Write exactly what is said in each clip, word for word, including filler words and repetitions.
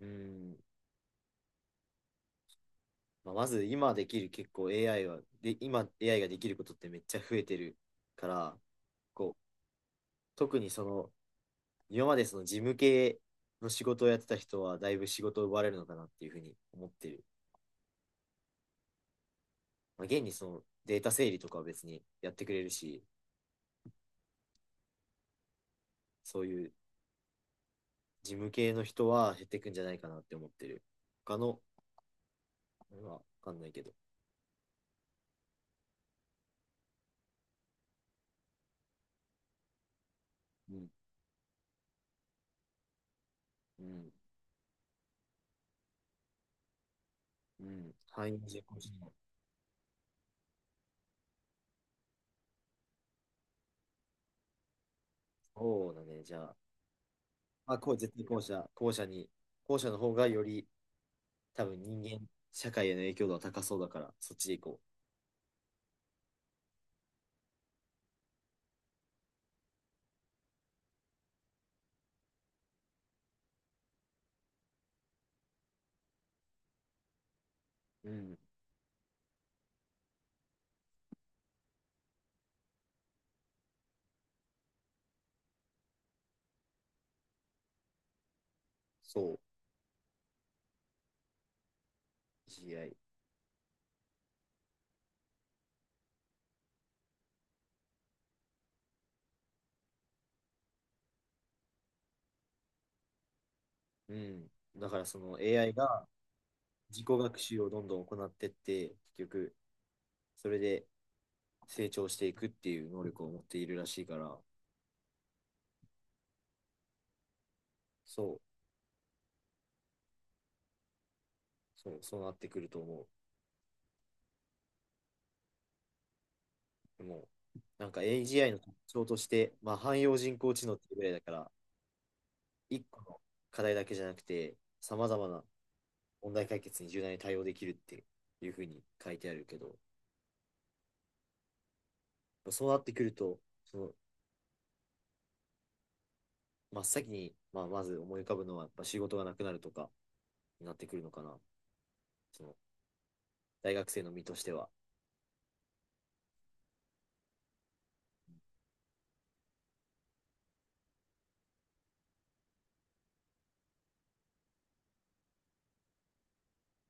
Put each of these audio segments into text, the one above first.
うん。まあ、まず今できる結構 エーアイ は、で、今 エーアイ ができることってめっちゃ増えてるから、こう、特にその、今までその事務系の仕事をやってた人はだいぶ仕事を奪われるのかなっていうふうに思ってる。まあ、現にそのデータ整理とかは別にやってくれるし、そういう事務系の人は減ってくんじゃないかなって思ってる。他の、まあわかんないけど。うん、うん、うん。範囲事項者。そうだね。じゃあ、まあ、こう、絶対後者、後者に、後者の方がより、多分人間、社会への影響度は高そうだから、そっちで行こう。うん、そう、エーアイ。うん。だからその エーアイ が自己学習をどんどん行ってって、結局、それで成長していくっていう能力を持っているらしいから、そう、そう、そうなってくると思う。でも、なんか エージーアイ の特徴として、まあ、汎用人工知能っていうぐらいだから、一個の課題だけじゃなくて、さまざまな問題解決に柔軟に対応できるっていうふうに書いてあるけど、そうなってくると、その真っ先に、まあ、まず思い浮かぶのは、やっぱ仕事がなくなるとかになってくるのかな。その大学生の身としては。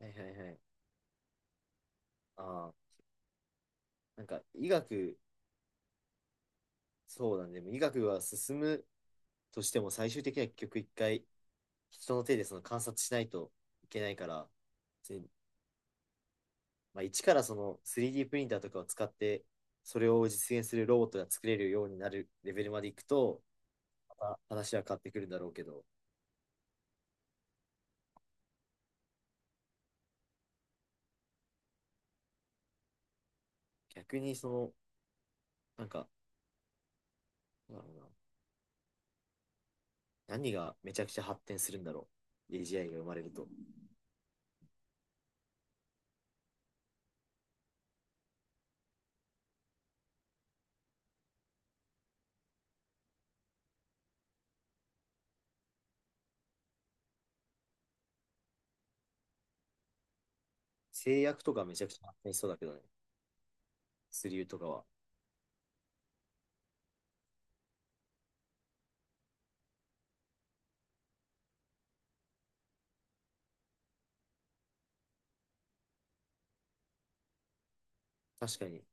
はいはいはい。ああ、なんか医学、そうなんで、でも医学は進むとしても、最終的には結局一回、人の手でその観察しないといけないから、でまあ、一からその スリーディー プリンターとかを使って、それを実現するロボットが作れるようになるレベルまでいくと、また話は変わってくるんだろうけど、逆にその、なんか、なんだろうな。何がめちゃくちゃ発展するんだろう。エージーアイ が生まれると。制約とかめちゃくちゃ発展しそうだけどね。スリューとかは。確かに。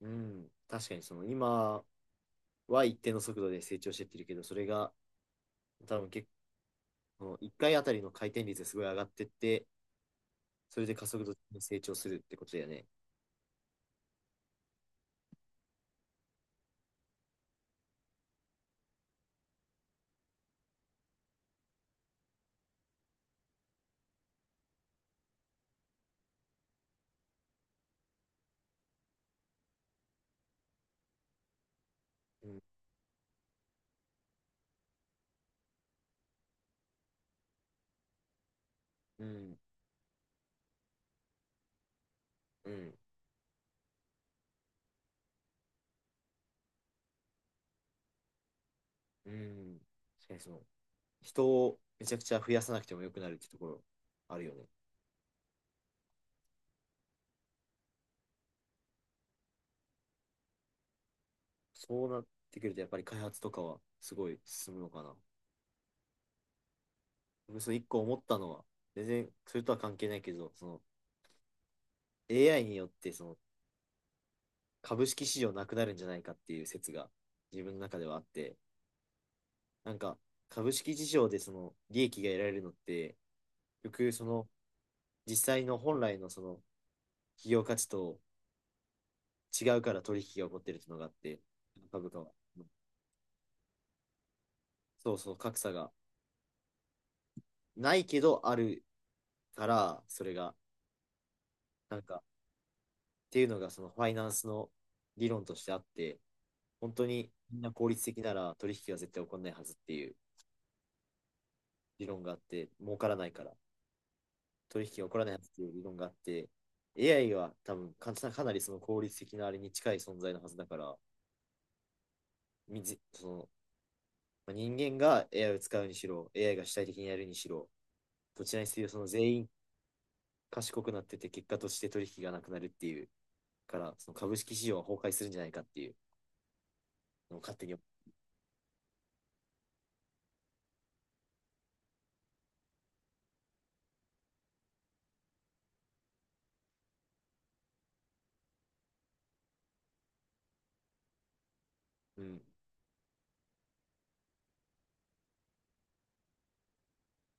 うん。確かにその今は一定の速度で成長してってるけど、それが多分結構、いっかいあたりの回転率がすごい上がってって、それで加速度的に成長するってことだよね。うん。うん。うん。うん。確かにその、人をめちゃくちゃ増やさなくてもよくなるってところあるよね。そうなってくると、やっぱり開発とかはすごい進むのかな。僕その一個思ったのは、全然それとは関係ないけど、その エーアイ によってその株式市場なくなるんじゃないかっていう説が自分の中ではあって、なんか株式市場でその利益が得られるのって、結局その実際の本来のその企業価値と違うから取引が起こってるっていうのがあって、株価は。そうそう、格差がないけどあるから、それが、なんか、っていうのがそのファイナンスの理論としてあって、本当にみんな効率的なら取引は絶対起こらないはずっていう理論があって、儲からないから取引が起こらないはずっていう理論があって、エーアイ は多分かなりその効率的なあれに近い存在のはずだから、みずそのまあ、人間が エーアイ を使うにしろ、エーアイ が主体的にやるにしろ、どちらにせよその全員賢くなってて結果として取引がなくなるっていうから、その株式市場は崩壊するんじゃないかっていうのを勝手に。うん、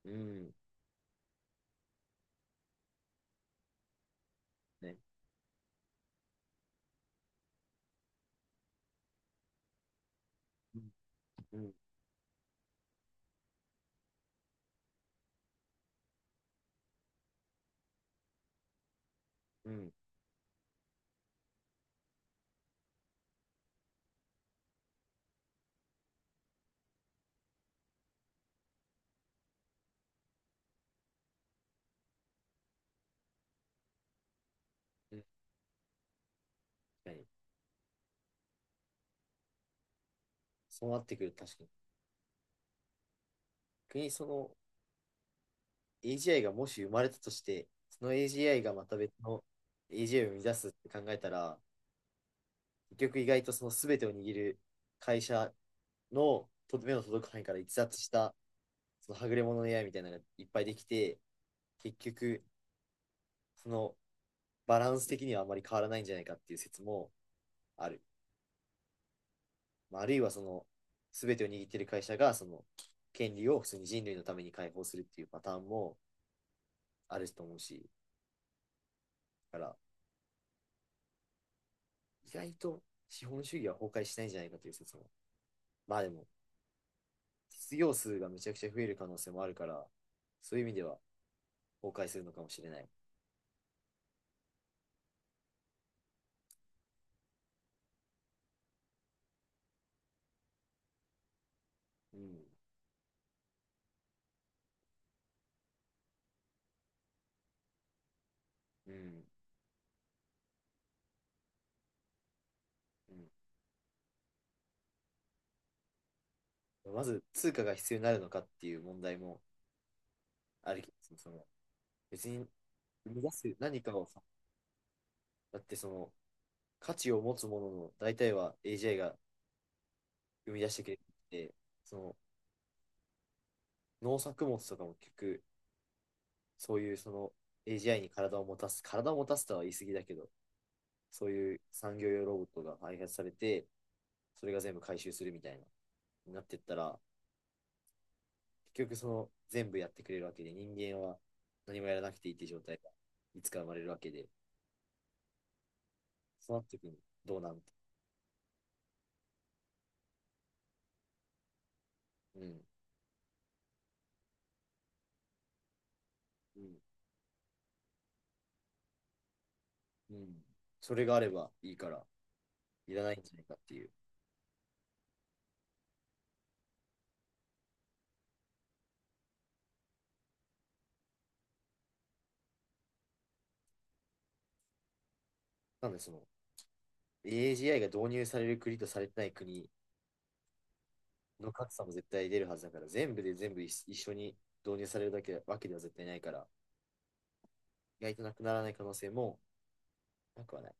うん、ね。うん、うん、うん。確かに。そうなってくる、確かに。逆にその エージーアイ がもし生まれたとして、その エージーアイ がまた別の エージーアイ を生み出すって考えたら、結局意外とその全てを握る会社の目の届く範囲から逸脱したそのはぐれ者の エーアイ みたいなのがいっぱいできて、結局そのバランス的にはあまり変わらないんじゃないかっていう説もある。まあ、あるいはその全てを握っている会社がその権利を普通に人類のために解放するっていうパターンもあると思うし、だから意外と資本主義は崩壊しないんじゃないかという説も。まあでも、失業数がめちゃくちゃ増える可能性もあるから、そういう意味では崩壊するのかもしれない。うん。うん。うん、まず、通貨が必要になるのかっていう問題もあるけど、その別に生み出す何かをさ、だってその価値を持つものの大体は エージーアイ が生み出してくれて、その農作物とかも結局、そういうその エージーアイ に体を持たす、体を持たすとは言い過ぎだけど、そういう産業用ロボットが開発されて、それが全部回収するみたいな、になってったら、結局その全部やってくれるわけで、人間は何もやらなくていいって状態がいつか生まれるわけで、そうなった時にどうなんて。うん。うん。うん。それがあればいいから、いらないんじゃないかっていう。なんでその、エージーアイ が導入される国とされてない国の格差も絶対出るはずだから、全部で全部一一緒に導入されるだけわけでは絶対ないから、意外となくならない可能性もなくはない。